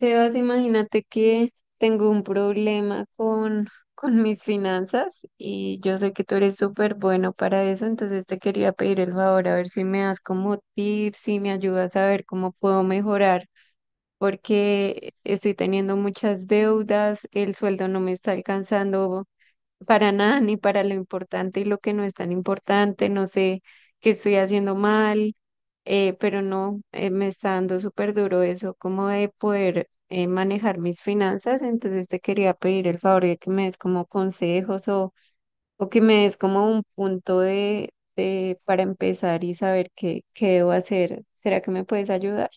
Sebas, imagínate que tengo un problema con mis finanzas, y yo sé que tú eres súper bueno para eso. Entonces te quería pedir el favor a ver si me das como tips, si me ayudas a ver cómo puedo mejorar, porque estoy teniendo muchas deudas, el sueldo no me está alcanzando para nada, ni para lo importante y lo que no es tan importante. No sé qué estoy haciendo mal, pero no, me está dando súper duro eso, como de poder manejar mis finanzas. Entonces te quería pedir el favor de que me des como consejos, o que me des como un punto para empezar y saber qué, qué debo hacer. ¿Será que me puedes ayudar?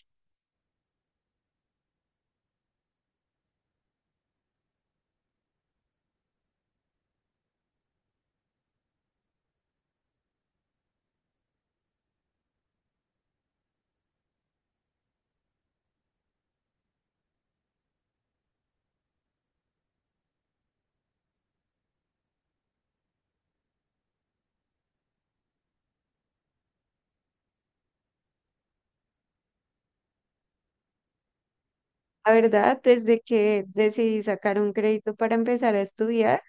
La verdad, desde que decidí sacar un crédito para empezar a estudiar.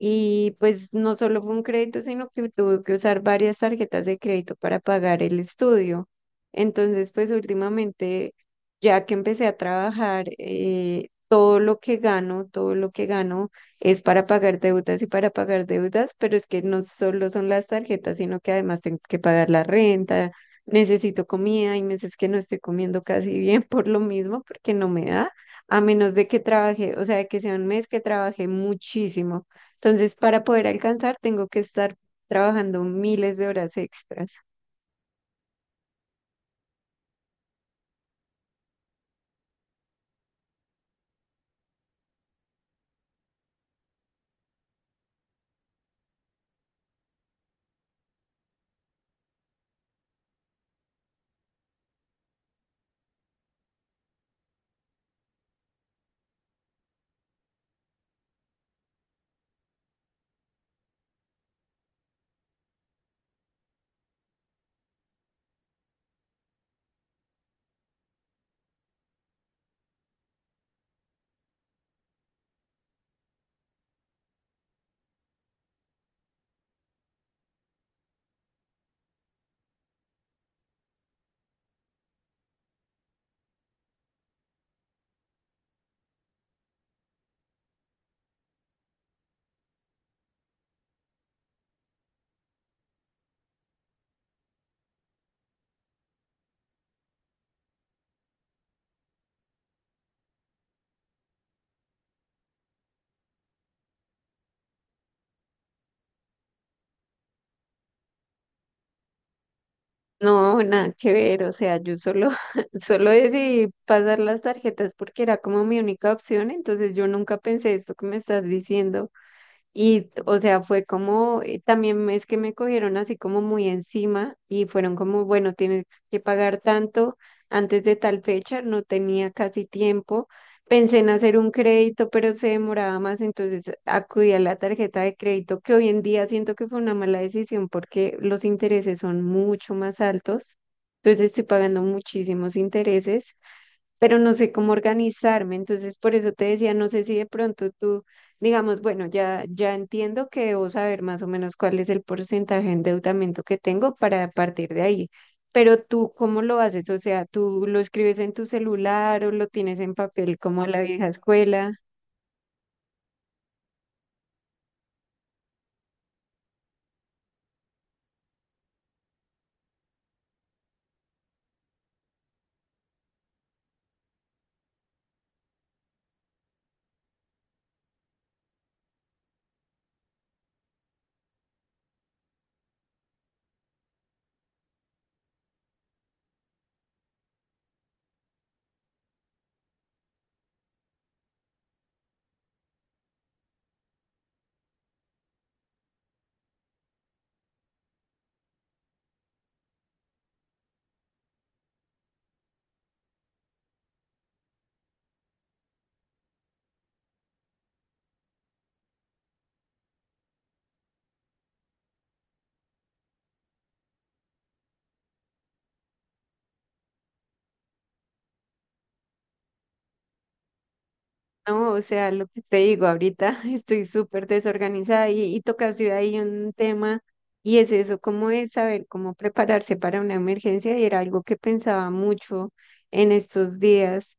Y pues no solo fue un crédito, sino que tuve que usar varias tarjetas de crédito para pagar el estudio. Entonces, pues últimamente, ya que empecé a trabajar, todo lo que gano, todo lo que gano es para pagar deudas y para pagar deudas. Pero es que no solo son las tarjetas, sino que además tengo que pagar la renta, necesito comida, hay meses que no estoy comiendo casi bien por lo mismo, porque no me da, a menos de que trabaje, o sea, que sea un mes que trabajé muchísimo. Entonces, para poder alcanzar, tengo que estar trabajando miles de horas extras. No, nada que ver. O sea, yo solo, solo decidí pasar las tarjetas porque era como mi única opción, entonces yo nunca pensé esto que me estás diciendo. Y, o sea, fue como, también es que me cogieron así como muy encima y fueron como, bueno, tienes que pagar tanto antes de tal fecha, no tenía casi tiempo. Pensé en hacer un crédito, pero se demoraba más, entonces acudí a la tarjeta de crédito, que hoy en día siento que fue una mala decisión porque los intereses son mucho más altos. Entonces estoy pagando muchísimos intereses, pero no sé cómo organizarme. Entonces, por eso te decía, no sé si de pronto tú, digamos, bueno, ya, ya entiendo que debo saber más o menos cuál es el porcentaje de endeudamiento que tengo para partir de ahí. Pero tú, ¿cómo lo haces? O sea, ¿tú lo escribes en tu celular o lo tienes en papel como a la vieja escuela? No, o sea, lo que te digo, ahorita estoy súper desorganizada, y tocaste ahí un tema, y es eso, cómo es saber cómo prepararse para una emergencia, y era algo que pensaba mucho en estos días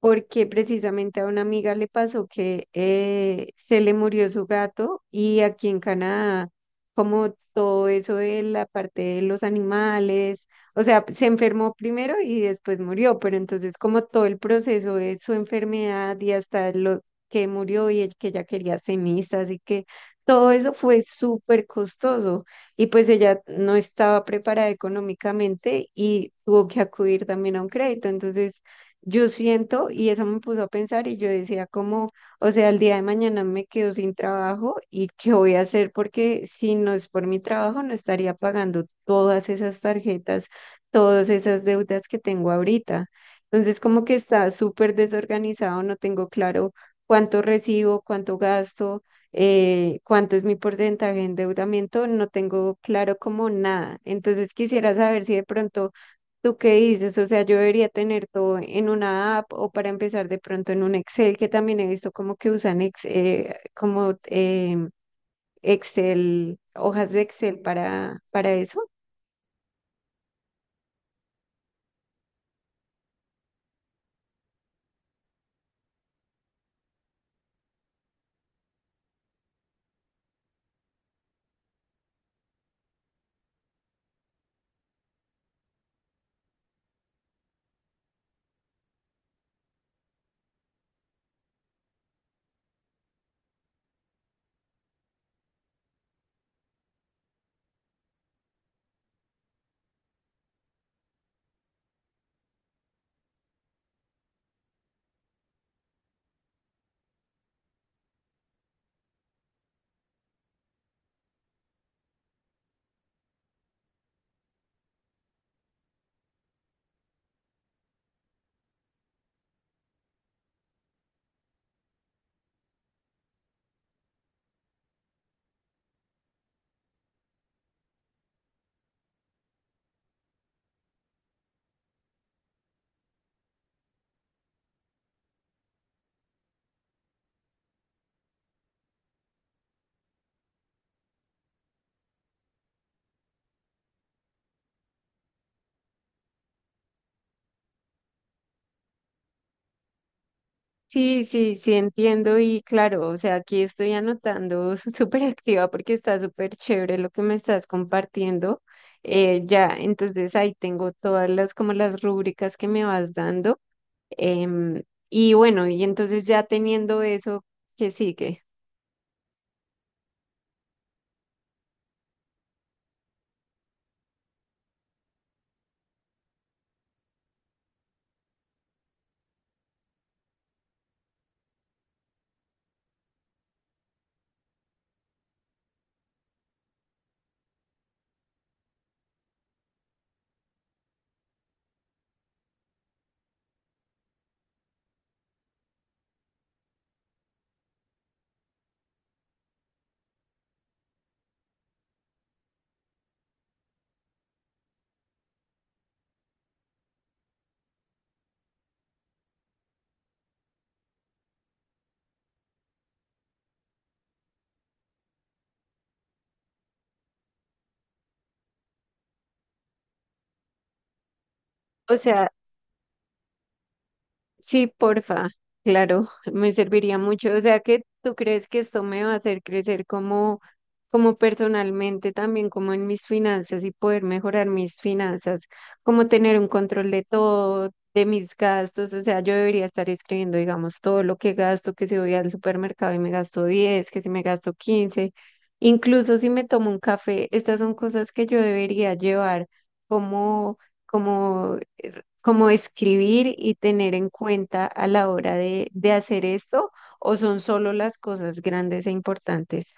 porque precisamente a una amiga le pasó que se le murió su gato. Y aquí en Canadá, como todo eso de la parte de los animales, o sea, se enfermó primero y después murió, pero entonces como todo el proceso de su enfermedad y hasta lo que murió y el que ella quería cenizas y que todo eso fue súper costoso, y pues ella no estaba preparada económicamente y tuvo que acudir también a un crédito. Entonces yo siento, y eso me puso a pensar, y yo decía como, o sea, el día de mañana me quedo sin trabajo, y qué voy a hacer, porque si no es por mi trabajo no estaría pagando todas esas tarjetas, todas esas deudas que tengo ahorita. Entonces como que está súper desorganizado, no tengo claro cuánto recibo, cuánto gasto, cuánto es mi porcentaje de endeudamiento, no tengo claro como nada. Entonces quisiera saber si de pronto, ¿tú qué dices? O sea, yo debería tener todo en una app, o para empezar de pronto en un Excel, que también he visto como que usan Excel, hojas de Excel para eso. Sí, sí, sí, entiendo, y claro, o sea, aquí estoy anotando súper activa porque está súper chévere lo que me estás compartiendo. Ya, entonces ahí tengo todas las como las rúbricas que me vas dando. em, y bueno, y entonces ya teniendo eso, ¿qué sigue? O sea, sí, porfa, claro, me serviría mucho. O sea, que ¿tú crees que esto me va a hacer crecer como, como personalmente, también como en mis finanzas, y poder mejorar mis finanzas, como tener un control de todo, de mis gastos? O sea, yo debería estar escribiendo, digamos, todo lo que gasto, que si voy al supermercado y me gasto 10, que si me gasto 15, incluso si me tomo un café. ¿Estas son cosas que yo debería llevar como... como como escribir y tener en cuenta a la hora de hacer esto, o son solo las cosas grandes e importantes?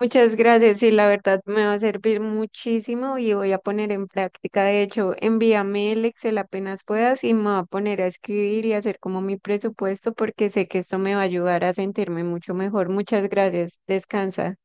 Muchas gracias, y la verdad me va a servir muchísimo y voy a poner en práctica. De hecho, envíame el Excel apenas puedas y me voy a poner a escribir y hacer como mi presupuesto, porque sé que esto me va a ayudar a sentirme mucho mejor. Muchas gracias. Descansa.